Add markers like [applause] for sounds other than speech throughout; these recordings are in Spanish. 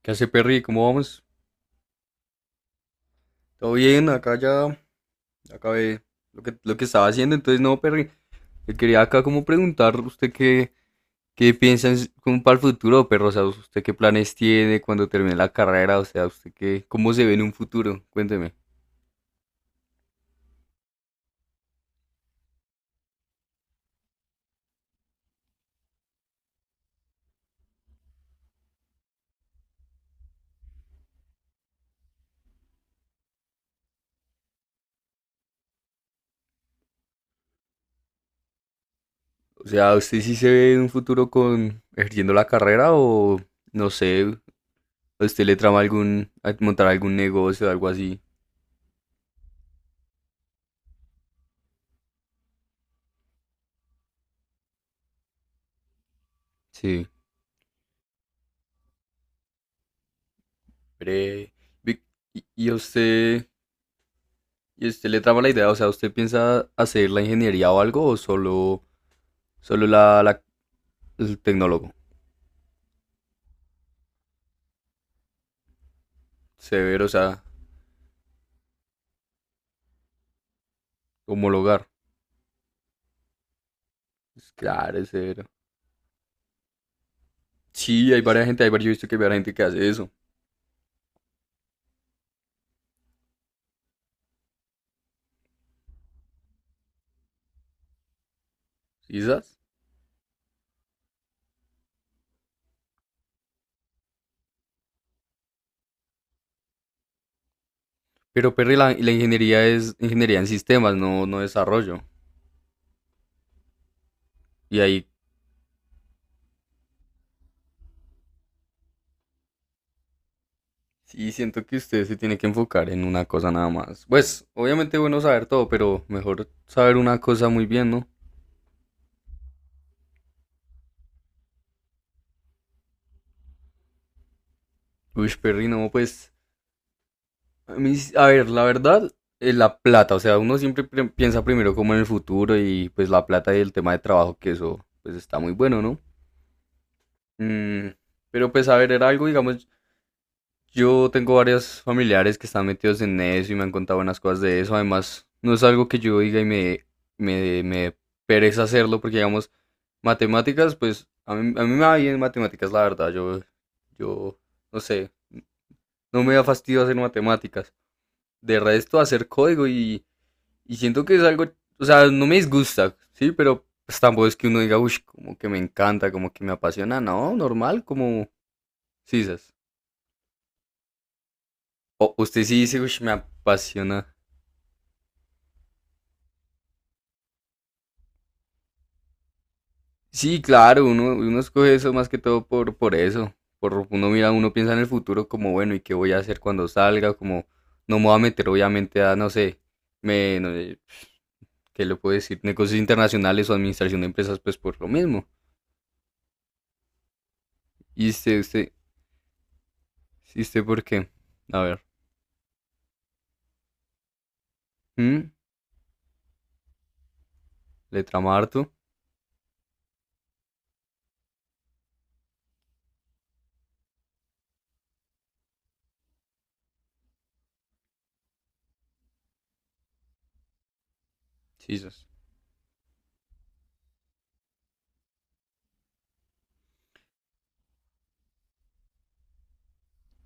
¿Qué hace, Perry? ¿Cómo vamos? ¿Todo bien? Acá ya acabé lo que estaba haciendo. Entonces, no, Perry, le quería acá como preguntar usted qué piensa como para el futuro, Perro. O sea, usted qué planes tiene cuando termine la carrera. O sea, cómo se ve en un futuro. Cuénteme. O sea, ¿usted sí se ve en un futuro con ejerciendo la carrera o no sé, a usted le trama a montar algún negocio o algo así? Sí. Hombre, Vic, ¿Y a usted? ¿Y usted le traba la idea? O sea, ¿usted piensa hacer la ingeniería o algo o solo el tecnólogo? Severo, o sea, homologar. Es claro, es severo. Sí, hay varias gente, hay varios, yo he visto que hay varias gente que hace eso. ¿Quizás? Pero, Perry, la ingeniería es ingeniería en sistemas, no desarrollo. Y ahí sí siento que usted se tiene que enfocar en una cosa nada más. Pues, obviamente bueno saber todo, pero mejor saber una cosa muy bien, ¿no? Uy, Perry, no, pues... A mí, sí, a ver, la verdad, la plata, o sea, uno siempre piensa primero como en el futuro y pues la plata y el tema de trabajo, que eso pues está muy bueno, ¿no? Mm, pero pues a ver, era algo, digamos, yo tengo varios familiares que están metidos en eso y me han contado buenas cosas de eso, además, no es algo que yo diga y me dé pereza hacerlo, porque digamos, matemáticas, pues a mí me va bien en matemáticas, la verdad, yo, no sé, no me da fastidio hacer matemáticas. De resto, hacer código . Y siento que es algo, o sea, no me disgusta, ¿sí? Pero pues, tampoco es que uno diga, uy, como que me encanta, como que me apasiona. No, normal, como sisas. O usted sí dice, uy, me apasiona. Sí, claro, uno escoge eso más que todo por eso. Por, uno mira, uno piensa en el futuro como, bueno, ¿y qué voy a hacer cuando salga? Como, no me voy a meter obviamente a, no sé, no, ¿qué le puedo decir? Negocios internacionales o administración de empresas, pues por lo mismo. ¿Y usted por qué? A ver. ¿Mm? Le trama harto. Jesus.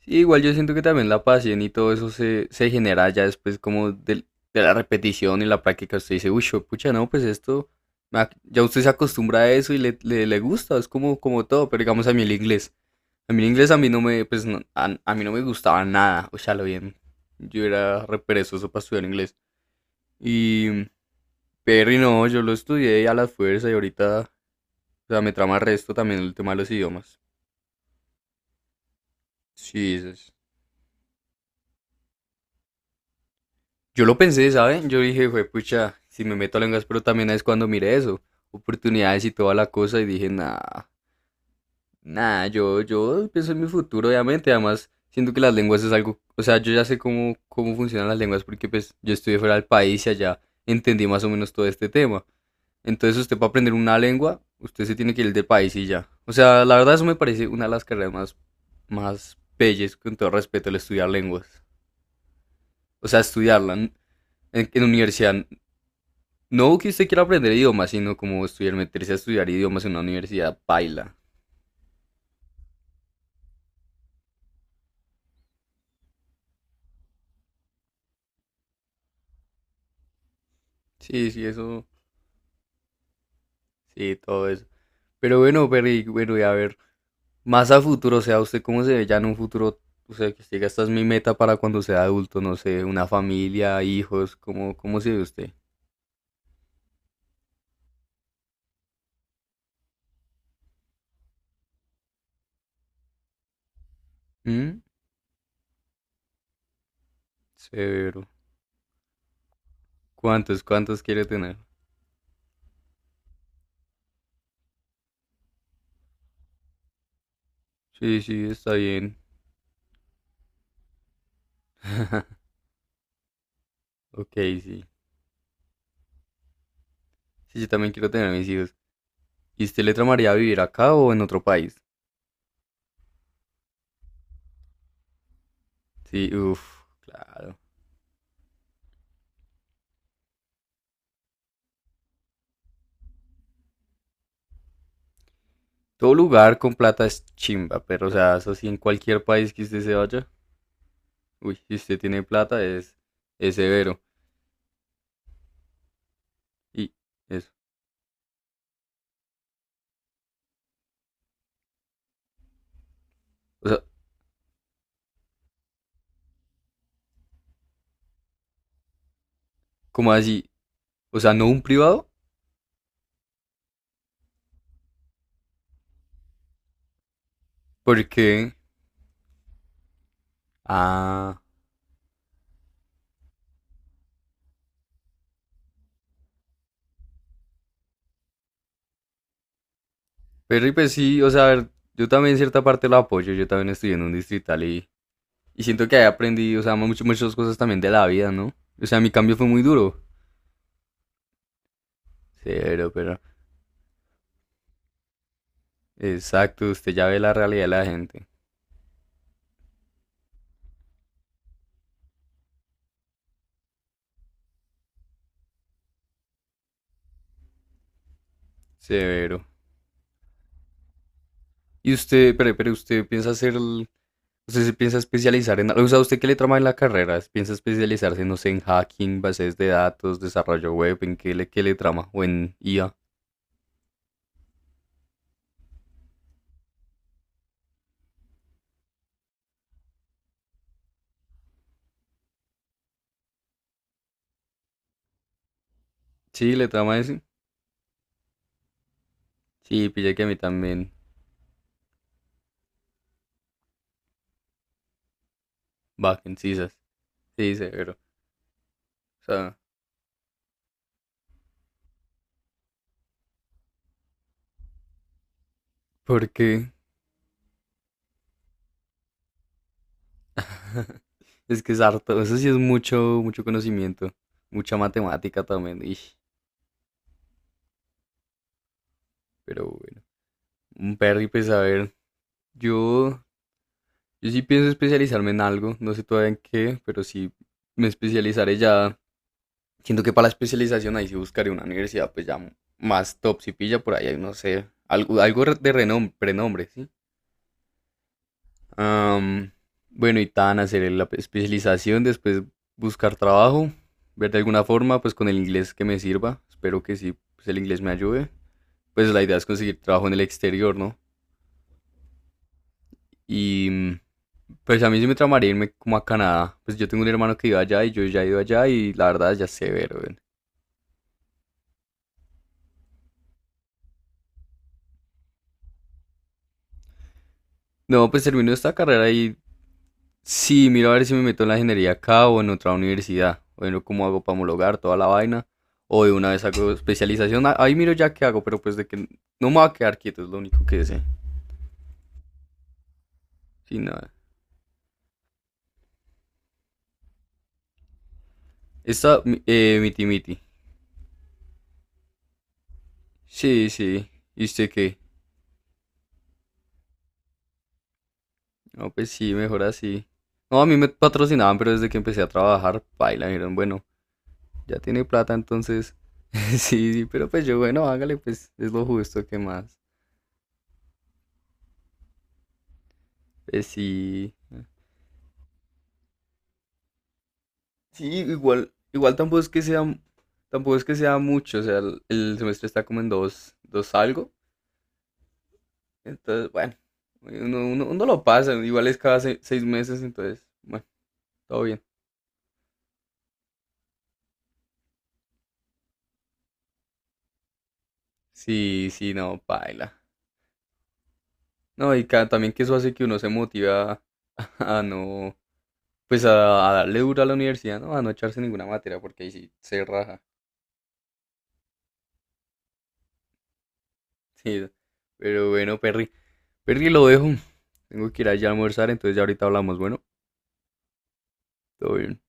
Sí, igual yo siento que también la pasión y todo eso se genera ya después como de la repetición y la práctica. Usted dice, uy, pucha, no, pues esto, ya usted se acostumbra a eso y le gusta, es como, como todo, pero digamos a mí el inglés. A mí el inglés a mí no me, pues, a mí no me gustaba nada, o sea, lo bien. Yo era re perezoso para estudiar inglés. Y, pero y no, yo lo estudié a la fuerza y ahorita, o sea, me trama el resto también el tema de los idiomas. Sí, sí, sí. Yo lo pensé, ¿saben? Yo dije, güey, pucha, si me meto a lenguas, pero también es cuando miré eso, oportunidades y toda la cosa, y dije, nah, nah, yo, pienso en mi futuro, obviamente, además, siento que las lenguas es algo, o sea, yo ya sé cómo, cómo funcionan las lenguas, porque pues yo estudié fuera del país y allá entendí más o menos todo este tema. Entonces usted para aprender una lengua, usted se tiene que ir del país y ya. O sea, la verdad eso me parece una de las carreras más, más bellas, con todo respeto, el estudiar lenguas. O sea, estudiarla en universidad. No que usted quiera aprender idiomas, sino como estudiar, meterse a estudiar idiomas en una universidad paila. Sí, sí, eso, sí, todo eso. Pero bueno, Perry, bueno, y a ver, más a futuro, o sea, usted cómo se ve ya en un futuro, o sea, que usted diga, esta es mi meta para cuando sea adulto, no sé, una familia, hijos, ¿cómo se ve usted? ¿Mm? Severo. ¿Cuántos quiere tener? Sí, sí, está bien. Ok, sí. Sí, yo también quiero tener mis hijos. ¿Y usted le tramaría vivir acá o en otro país? Sí, uff, claro. Todo lugar con plata es chimba, pero o sea, eso sí, en cualquier país que usted se vaya, uy, si usted tiene plata es severo. Y eso. O sea, como así, o sea, no un privado, porque... Ah, pero y pues sí, o sea, a ver, yo también en cierta parte lo apoyo, yo también estudié en un distrital y siento que ahí aprendí, o sea, muchas, muchas cosas también de la vida, ¿no? O sea, mi cambio fue muy duro. Severo, pero... Exacto, usted ya ve la realidad de la gente. Severo. Y usted, pero usted piensa hacer ¿Usted se piensa especializar en... algo? O sea, ¿usted qué le trama en la carrera? ¿Piensa especializarse, no sé, en hacking, bases de datos, desarrollo web? ¿En qué le trama? ¿O en IA? Sí, le trama eso. Sí, pillé que a mí también. Backend, sisas. Sí, severo. O sea, porque... [laughs] es que es harto. Eso sí es mucho, mucho conocimiento. Mucha matemática también. Ish, pero bueno. Un perry, pues a ver. Yo, yo sí pienso especializarme en algo. No sé todavía en qué, pero sí me especializaré ya. Siento que para la especialización ahí sí buscaré una universidad, pues ya más top, si pilla por ahí, hay, no sé, algo, algo de renombre, ¿sí? Am, bueno, y tan hacer la especialización, después buscar trabajo, ver de alguna forma, pues con el inglés que me sirva, espero que sí, pues el inglés me ayude. Pues la idea es conseguir trabajo en el exterior, ¿no? Y pues a mí sí me tramaría irme como a Canadá. Pues yo tengo un hermano que iba allá y yo ya he ido allá y la verdad ya sé ver. No, pues termino esta carrera. Sí, miro a ver si me meto en la ingeniería acá o en otra universidad. Bueno, cómo hago para homologar toda la vaina. O de una vez hago especialización. Ahí miro ya qué hago, pero pues de que no me voy a quedar quieto, es lo único que sé. Sí, nada. Miti miti. Sí, sí. ¿Y usted qué? No, pues sí, mejor así. No, a mí me patrocinaban, pero desde que empecé a trabajar, baila, dijeron, bueno, ya tiene plata, entonces. [laughs] Sí, sí, pero pues yo, bueno, hágale, pues es lo justo, ¿qué más? Pues sí. Sí, igual tampoco es que sea mucho, o sea, el semestre está como en dos algo, entonces, bueno, uno lo pasa, igual es cada seis meses, entonces, bueno, todo bien. Sí, sí, no, paila. No, y también que eso hace que uno se motiva a, [laughs] a no, pues a darle duro a la universidad, ¿no? A no echarse ninguna materia, porque ahí sí se raja. Sí, pero bueno, Perry, lo dejo, tengo que ir allá a almorzar, entonces ya ahorita hablamos, bueno, todo bien.